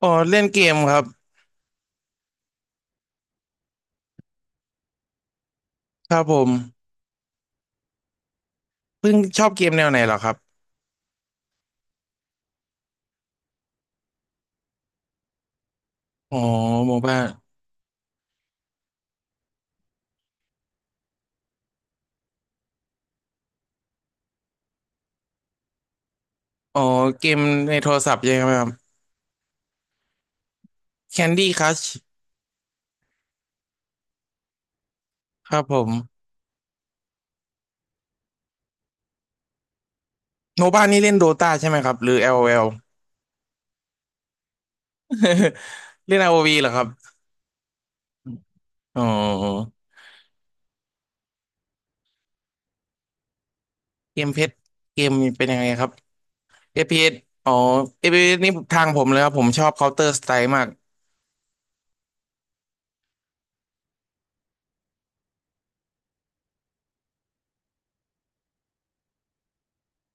อ๋อเล่นเกมครับครับผมเพิ่งชอบเกมแนวไหนเหรอครับอ๋อโมบ้าอ๋อเกมในโทรศัพท์ใช่ไหมครับ Candy Crush ครับผมโมบ้านี่เล่นโดตาใช่ไหมครับหรือ LOL เล่น ROV เหรอครับอ๋อเกมเพชรเกมเป็นยังไงครับเอฟพ p s อสอ๋อ FPS นี่ทางผมเลยครับผมชอบ Counter Strike มาก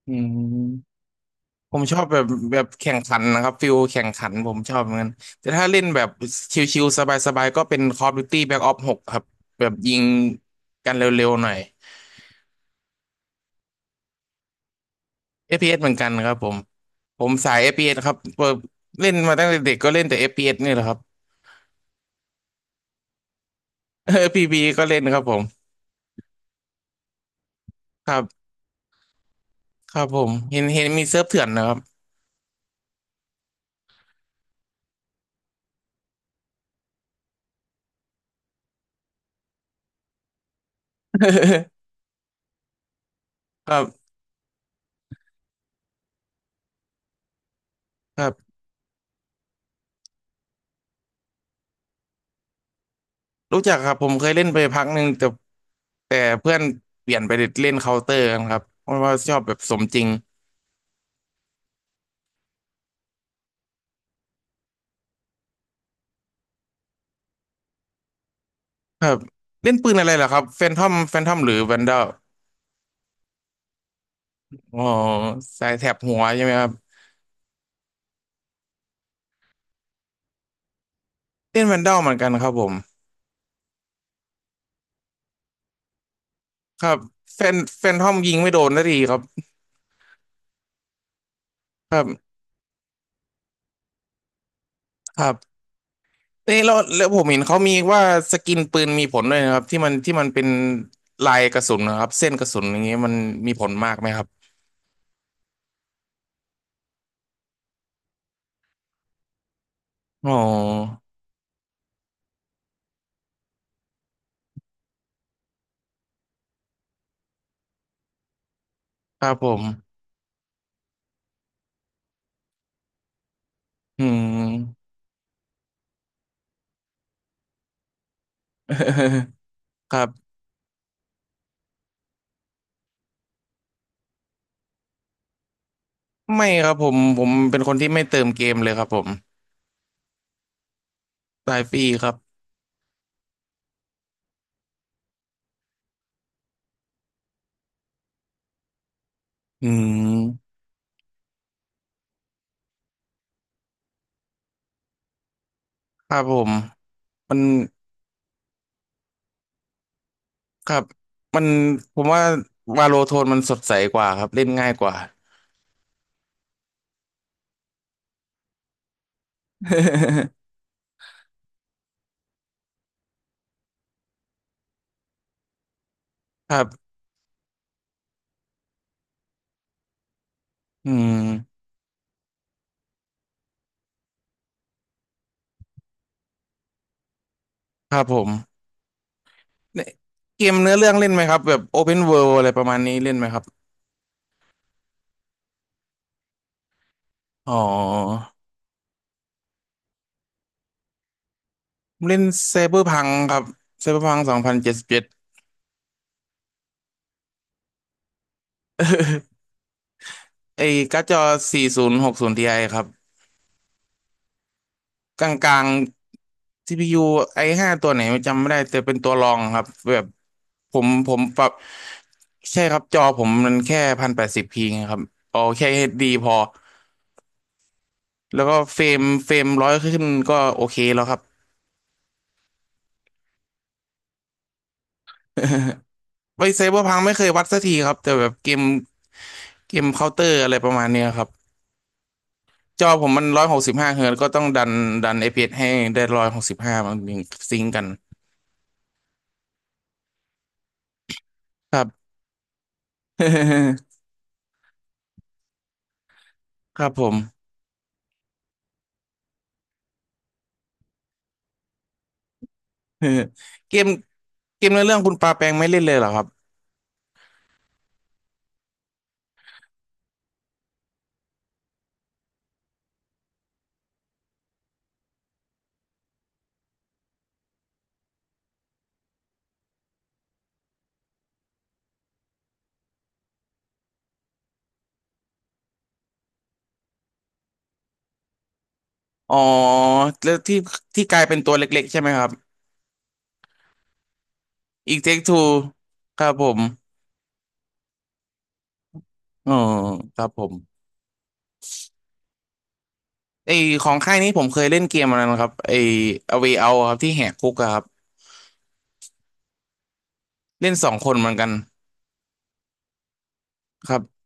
อืม ผมชอบแบบแบบแข่งขันนะครับฟิลแข่งขันผมชอบเหมือนกันแต่ถ้าเล่นแบบชิลๆสบายๆก็เป็น Call of Duty Black Ops 6ครับแบบยิงกันเร็วๆหน่อย FPS เอสเหมือนกันครับผมผมสาย FPS ครับเปิดเล่นมาตั้งแต่เด็กก็เล่นแต่ FPS นี่แหละครับ เออ PB ก็เล่นครับผมครับครับผมเห็นมีเซิร์ฟเถื่อนนะครับ ครับครับรู้จักครับผมเคยเล่นไปพักหนึ่งแต่แต่เพื่อนเปลี่ยนไปเล่นเคาน์เตอร์กันครับเพราะว่าชอบแบบสมจริง ครับเล่นปืนอะไรเหรอครับแฟนทอมหรือแวนด a ลอ๋อสายแถบหัวใช่ไหมครับเล่นแวนด a ลเหมือนกันครับผมครับแฟนทอมยิงไม่โดนนาทีครับครับครับเอ้ยแล้วผมเห็นเขามีว่าสกินปืนมีผลด้วยนะครับที่มันเป็นลายกระสุนนะครับเส้นกระสุนอย่างเงี้ยมันมีผลมากไหมครับอ๋อครับผมอืม ครับไม่ครับผมเป็นคนที่ไม่เติมเกมเลยครับผมรายปีครับอืมครับผมมัน ครับมันผมว่าวาโลโทนมันสดใสกว่าครับเล่นง่ายกว่า ครับอืมครับผมเนี่ยเกมเนื้อเรื่องเล่นไหมครับแบบ Open World อะไรประมาณนี้เล่นไหมครับอ๋อผมเล่นไซเบอร์พังครับไซเบอร์พัง2077ไอ้การ์ดจอ4060 Tiครับกลางๆ CPU i5ตัวไหนจำไม่ได้แต่เป็นตัวรองครับแบบผมปรับใช่ครับจอผมมันแค่1080pครับเอาแค่ HD พอ แล้วก็เฟรมเฟรมร้อยขึ้นก็โอเคแล้วครับไวไซเบอร์พังไม่เคยวัดสักทีครับแต่แบบเกมเคาน์เตอร์อะไรประมาณเนี้ยครับจอผมมัน165 Hzก็ต้องดันเ p s ให้ได้165มันถึงซิงก์กันครับ ครับผม เกมเกมในเรื่องคุณปาแปงไม่เล่นเลยเหรอครับอ๋อแล้วที่ที่กลายเป็นตัวเล็กๆใช่ไหมครับอีกเทคทูครับผมอ๋อครับผม ไอของค่ายนี้ผมเคยเล่นเกมอันนั้นครับไอ A Way Out อะครับที่แหกคุกอะครับเล่นสองคนเหมือนกันครับ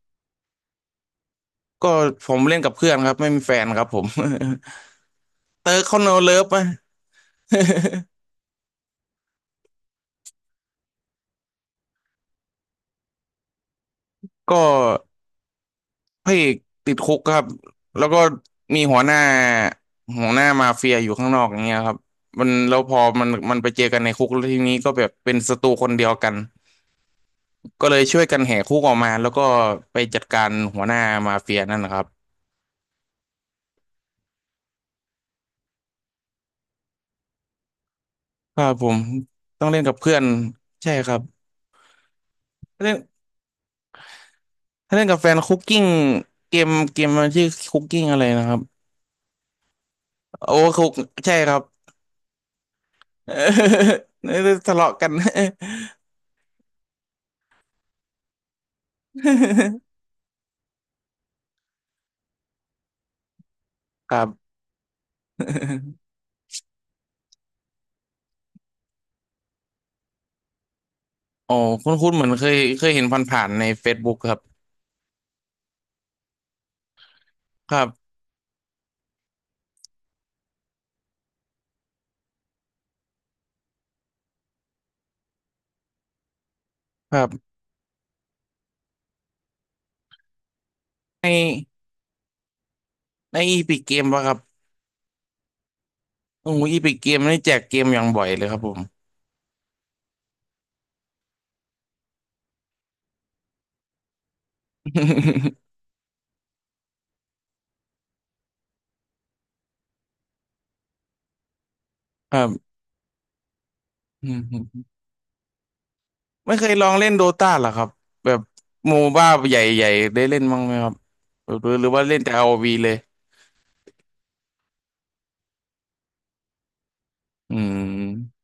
ก็ผมเล่นกับเพื่อนครับไม่มีแฟนครับผม เติร์กเขาโนเลิฟอะ ก็พระเอกติดคุกครับแล้วก็มีหัวหน้ามาเฟียอยู่ข้างนอกอย่างเงี้ยครับมันแล้วพอมันไปเจอกันในคุกแล้วทีนี้ก็แบบเป็นศัตรูคนเดียวกันก็เลยช่วยกันแหกคุกออกมาแล้วก็ไปจัดการหัวหน้ามาเฟียนั่นนะครับ ครับผมต้องเล่นกับเพื่อนใช่ครับถ้าเล่นถ้าเล่นกับแฟนคุกกิ้งเกมเกมมันชื่อคุกกิ้งอะไรนะครับโอ้คุกใช่ครับ นี่ทะเลาะกัน ครับ อ๋อคุ้นๆเหมือนเคยเห็นผ่านๆใน Facebook ครับครับครับในในอีพิกเกมปะครับโอ้อีพิกเกมนี่แจกเกมอย่างบ่อยเลยครับผม ครับ ไม่เคยลองเล่นโดตาหรอครับแบบโมบ้าใหญ่ๆได้เล่นบ้างไหมครับหรือว่าเล่นแต่อ o ีเลยอืม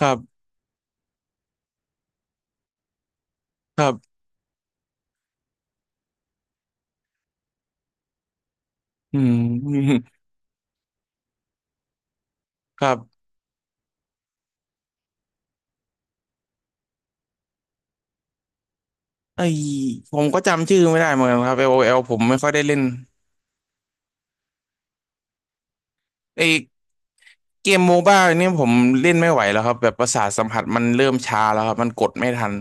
ครับครับอืมครับไอผมก็จำชื่อไม่ได้เหมือนกันครับ l o ลโอแอลผมไม่ค่อยได้เล่นไอเกมโมบ้าเนี่ยผมเล่นไม่ไหวแล้วครับแบบประสาทสัมผัสมันเริ่มช้าแล้วครับมันกดไม่ทัน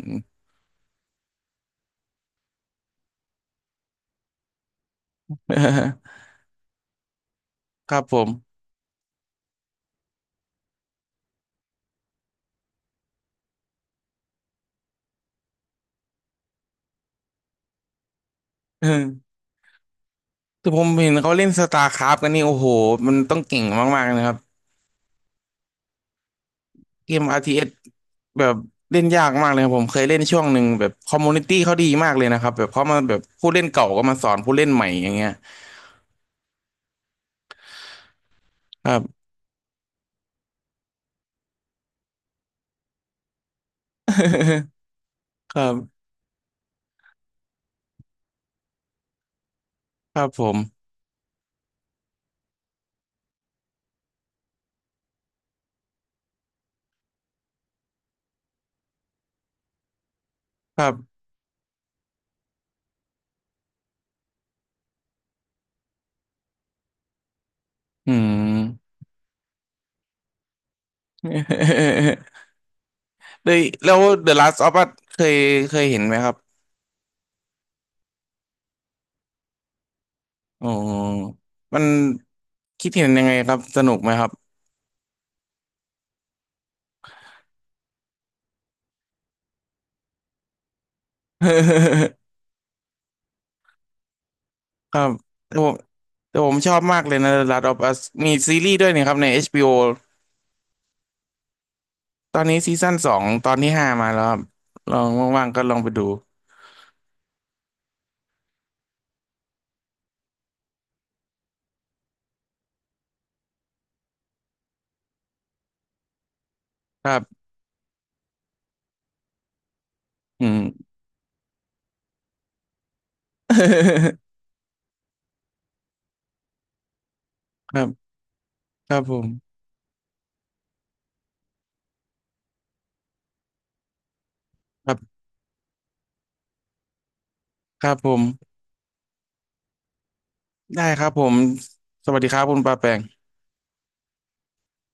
ครับผมเออแต่ผมเห็นเขาเล่นสตาร์คราฟกันนี่โอ้โหมันต้องเก่งมากๆนะครับ เกม RTS แบบเล่นยากมากเลยครับผมเคยเล่นช่วงหนึ่งแบบคอมมูนิตี้เขาดีมากเลยนะครับแบบเขามาแบบผู้เล่นเก่าก็มาสอนผู้เล่นใหม่อย่างเงี้ยครับ ครับครับผมครับอืม เลยแล้ว The Last of Us เคยเห็นไหมครับอ๋อมันคิดเห็นยังไงครับสนุกไหมครับ ครับแต่ผมแต่ผมชอบมากเลยนะ The Last of Us มีซีรีส์ด้วยนี่ครับใน HBO ตอนนี้ซีซั่น 2 ตอนที่ 5มาแล้วครับลองว่างๆก็ลองไปดูครับอืม ครับครับผมครับครับผมได้ครับผมสวัสดีครับคุณปาแปง